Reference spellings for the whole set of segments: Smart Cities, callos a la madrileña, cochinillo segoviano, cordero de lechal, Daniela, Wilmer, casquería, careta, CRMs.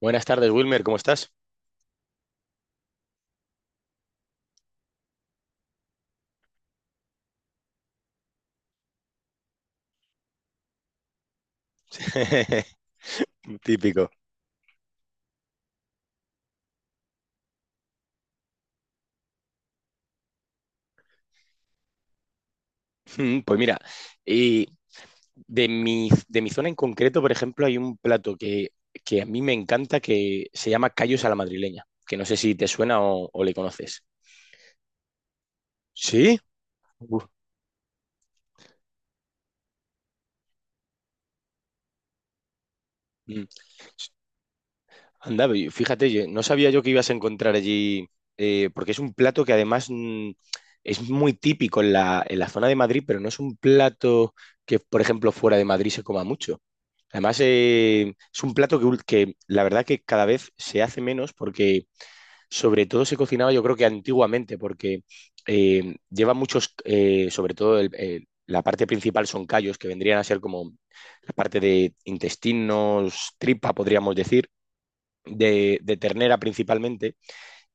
Buenas tardes, Wilmer, ¿cómo estás? Típico. Pues mira, y de mi zona en concreto, por ejemplo, hay un plato que a mí me encanta que se llama callos a la madrileña, que no sé si te suena o le conoces. ¿Sí? Uf. Mm. Anda, fíjate, no sabía yo que ibas a encontrar allí, porque es un plato que además es muy típico en en la zona de Madrid, pero no es un plato que por ejemplo, fuera de Madrid se coma mucho. Además, es un plato que la verdad que cada vez se hace menos porque sobre todo se cocinaba, yo creo que antiguamente, porque lleva muchos, sobre todo la parte principal son callos, que vendrían a ser como la parte de intestinos, tripa, podríamos decir de ternera principalmente,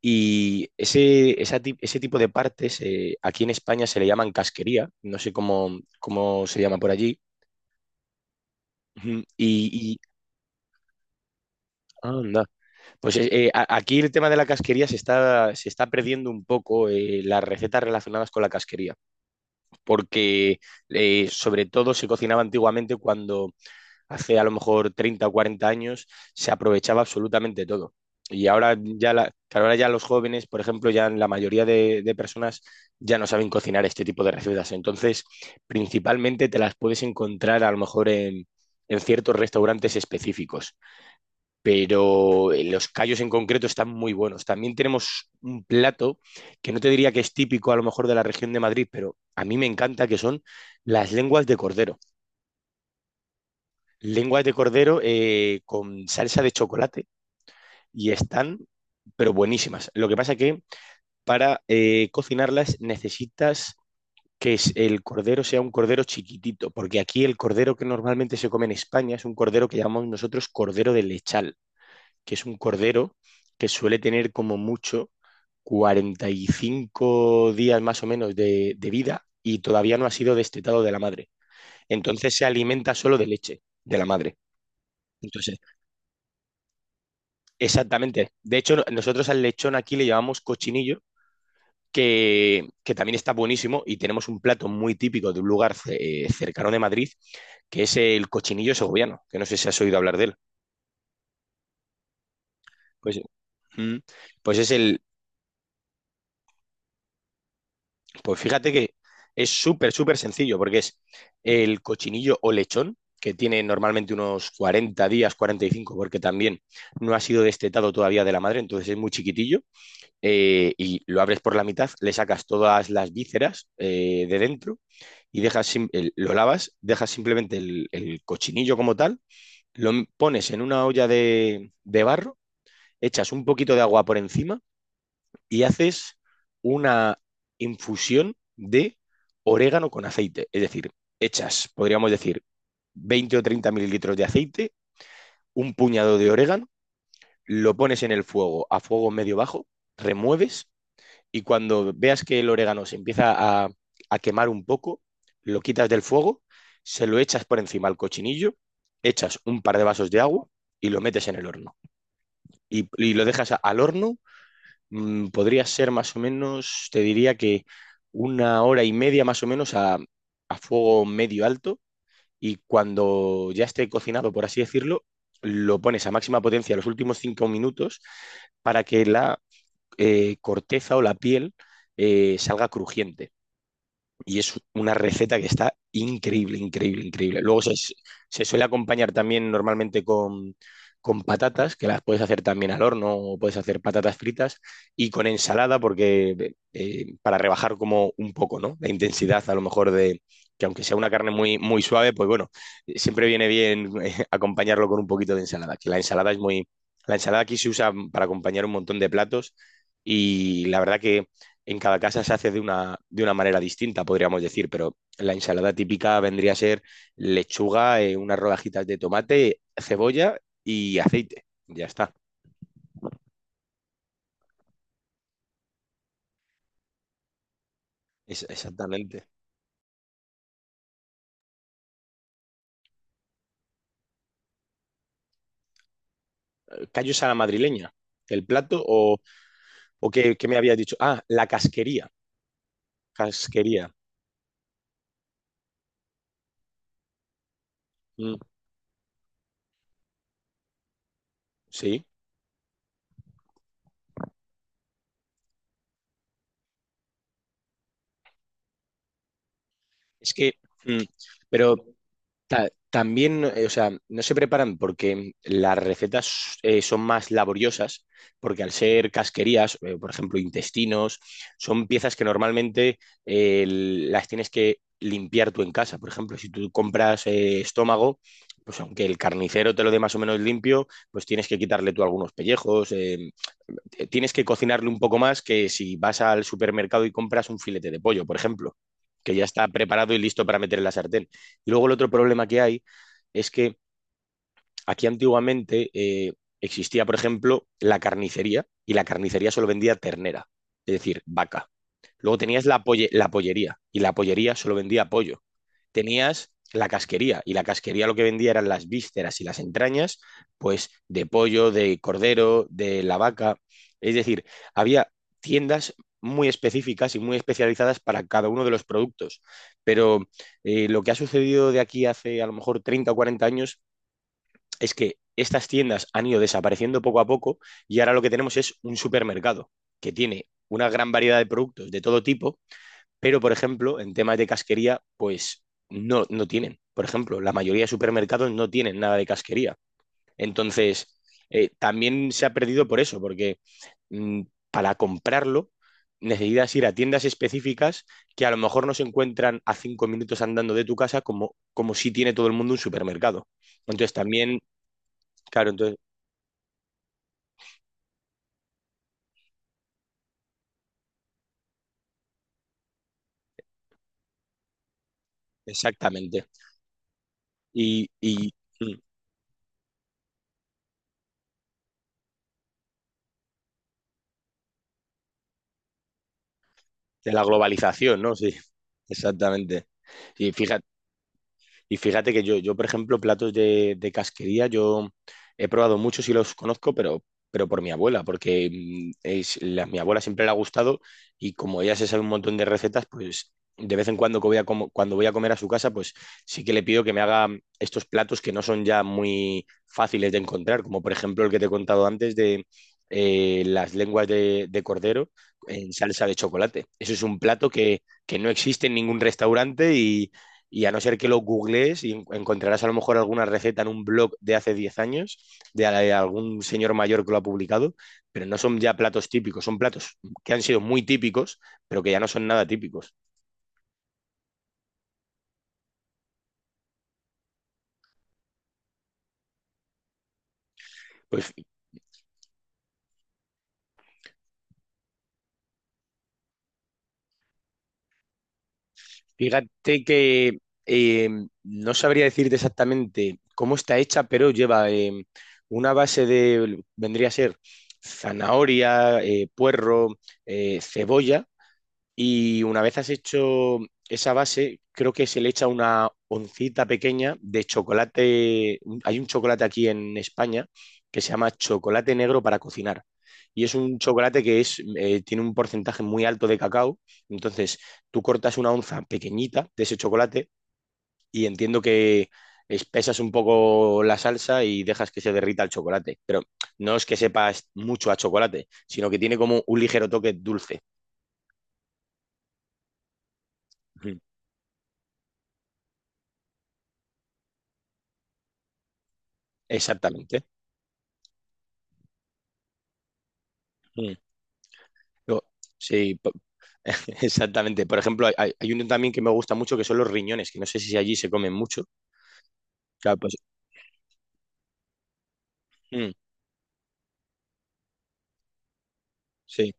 y ese tipo de partes, aquí en España se le llaman casquería, no sé cómo se llama por allí. Ujú. Anda. Pues aquí el tema de la casquería se está perdiendo un poco, las recetas relacionadas con la casquería, porque sobre todo se cocinaba antiguamente, cuando hace a lo mejor 30 o 40 años se aprovechaba absolutamente todo. Y ahora ya, la, que ahora ya los jóvenes, por ejemplo, ya la mayoría de personas ya no saben cocinar este tipo de recetas. Entonces, principalmente te las puedes encontrar a lo mejor en ciertos restaurantes específicos, pero los callos en concreto están muy buenos. También tenemos un plato que no te diría que es típico a lo mejor de la región de Madrid, pero a mí me encanta que son las lenguas de cordero. Lenguas de cordero con salsa de chocolate y están, pero buenísimas. Lo que pasa que para cocinarlas necesitas el cordero sea un cordero chiquitito, porque aquí el cordero que normalmente se come en España es un cordero que llamamos nosotros cordero de lechal, que es un cordero que suele tener como mucho 45 días más o menos de vida y todavía no ha sido destetado de la madre. Entonces se alimenta solo de leche de la madre. Entonces exactamente. De hecho, nosotros al lechón aquí le llamamos cochinillo, que también está buenísimo y tenemos un plato muy típico de un lugar cercano de Madrid, que es el cochinillo segoviano, que no sé si has oído hablar de él. Pues, mm, pues es pues fíjate que es súper, súper sencillo, porque es el cochinillo o lechón, que tiene normalmente unos 40 días, 45, porque también no ha sido destetado todavía de la madre, entonces es muy chiquitillo, y lo abres por la mitad, le sacas todas las vísceras, de dentro y lo lavas, dejas simplemente el cochinillo como tal, pones en una olla de barro, echas un poquito de agua por encima y haces una infusión de orégano con aceite. Es decir, echas, podríamos decir, 20 o 30 mililitros de aceite, un puñado de orégano, lo pones en el fuego a fuego medio bajo, remueves y cuando veas que el orégano se empieza a, a quemar un poco, lo quitas del fuego, se lo echas por encima al cochinillo, echas un par de vasos de agua y lo metes en el horno. Y lo dejas al horno, podría ser más o menos, te diría que una hora y media más o menos a fuego medio alto. Y cuando ya esté cocinado, por así decirlo, lo pones a máxima potencia los últimos 5 minutos para que la corteza o la piel salga crujiente. Y es una receta que está increíble, increíble, increíble. Se suele acompañar también normalmente con patatas, que las puedes hacer también al horno o puedes hacer patatas fritas, y con ensalada, porque para rebajar como un poco, ¿no? La intensidad a lo mejor de que aunque sea una carne muy, muy suave, pues bueno, siempre viene bien, acompañarlo con un poquito de ensalada, que la ensalada es muy... La ensalada aquí se usa para acompañar un montón de platos y la verdad que en cada casa se hace de una manera distinta, podríamos decir, pero la ensalada típica vendría a ser lechuga, unas rodajitas de tomate, cebolla y aceite. Ya está, exactamente. ¿Callos a la madrileña? ¿El plato o qué, qué me habías dicho? Ah, la casquería. Casquería. Mm, sí. Es que, mm, pero también, o sea, no se preparan porque las recetas son más laboriosas, porque al ser casquerías, por ejemplo, intestinos, son piezas que normalmente, las tienes que limpiar tú en casa. Por ejemplo, si tú compras, estómago, pues aunque el carnicero te lo dé más o menos limpio, pues tienes que quitarle tú algunos pellejos, tienes que cocinarle un poco más que si vas al supermercado y compras un filete de pollo, por ejemplo, que ya está preparado y listo para meter en la sartén. Y luego el otro problema que hay es que aquí antiguamente, existía, por ejemplo, la carnicería y la carnicería solo vendía ternera, es decir, vaca. Luego tenías la pollería y la pollería solo vendía pollo, tenías la casquería y la casquería lo que vendía eran las vísceras y las entrañas, pues de pollo, de cordero, de la vaca. Es decir, había tiendas muy específicas y muy especializadas para cada uno de los productos. Pero lo que ha sucedido de aquí hace a lo mejor 30 o 40 años es que estas tiendas han ido desapareciendo poco a poco y ahora lo que tenemos es un supermercado que tiene una gran variedad de productos de todo tipo, pero, por ejemplo, en temas de casquería, pues no, no tienen. Por ejemplo, la mayoría de supermercados no tienen nada de casquería. Entonces, también se ha perdido por eso, porque mmm, para comprarlo necesitas ir a tiendas específicas que a lo mejor no se encuentran a 5 minutos andando de tu casa, como, como si tiene todo el mundo un supermercado. Entonces también, claro, entonces, exactamente. Y, y mm, de la globalización, ¿no? Sí, exactamente. Y fíjate, y fíjate que yo por ejemplo, platos de casquería, yo he probado muchos y los conozco, pero por mi abuela, porque mi abuela siempre le ha gustado y como ella se sabe un montón de recetas, pues de vez en cuando que voy a como- cuando voy a comer a su casa, pues sí que le pido que me haga estos platos que no son ya muy fáciles de encontrar, como por ejemplo el que te he contado antes de, las lenguas de cordero en salsa de chocolate. Eso es un plato que no existe en ningún restaurante y a no ser que lo googlees y encontrarás a lo mejor alguna receta en un blog de hace 10 años, de algún señor mayor que lo ha publicado, pero no son ya platos típicos, son platos que han sido muy típicos, pero que ya no son nada típicos. Pues fíjate que eh, no sabría decirte exactamente cómo está hecha, pero lleva una base de, vendría a ser zanahoria, puerro, cebolla. Y una vez has hecho esa base, creo que se le echa una oncita pequeña de chocolate. Hay un chocolate aquí en España que se llama chocolate negro para cocinar. Y es un chocolate que tiene un porcentaje muy alto de cacao. Entonces, tú cortas una onza pequeñita de ese chocolate y entiendo que espesas un poco la salsa y dejas que se derrita el chocolate. Pero no es que sepas mucho a chocolate, sino que tiene como un ligero toque dulce. Ujú. Exactamente. Mm. Yo- Sí, po- exactamente. Por ejemplo, hay uno también que me gusta mucho que son los riñones, que no sé si allí se comen mucho. Claro, pues, mm, sí,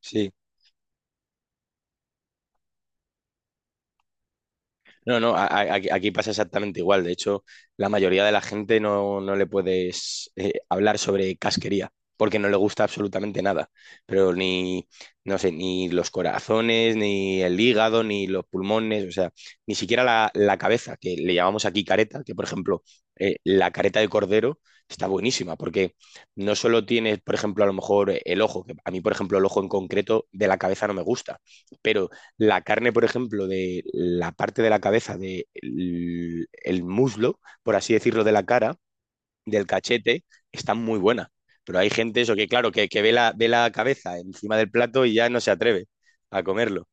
sí. No, no, aquí aquí pasa exactamente igual. De hecho, la mayoría de la gente no, no le puedes, hablar sobre casquería, porque no le gusta absolutamente nada. Pero ni, no sé, ni los corazones, ni el hígado, ni los pulmones, o sea, ni siquiera la cabeza, que le llamamos aquí careta, que por ejemplo, la careta de cordero está buenísima, porque no solo tienes, por ejemplo, a lo mejor el ojo, que a mí, por ejemplo, el ojo en concreto de la cabeza no me gusta, pero la carne, por ejemplo, de la parte de la cabeza, del el muslo, por así decirlo, de la cara, del cachete, está muy buena. Pero hay gente, eso que claro, que ve ve la cabeza encima del plato y ya no se atreve a comerlo.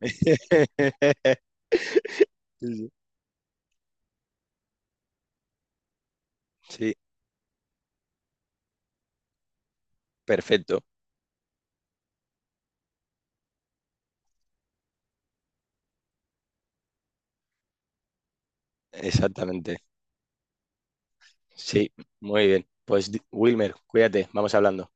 Sí, perfecto, exactamente. Sí, muy bien. Pues Wilmer, cuídate, vamos hablando.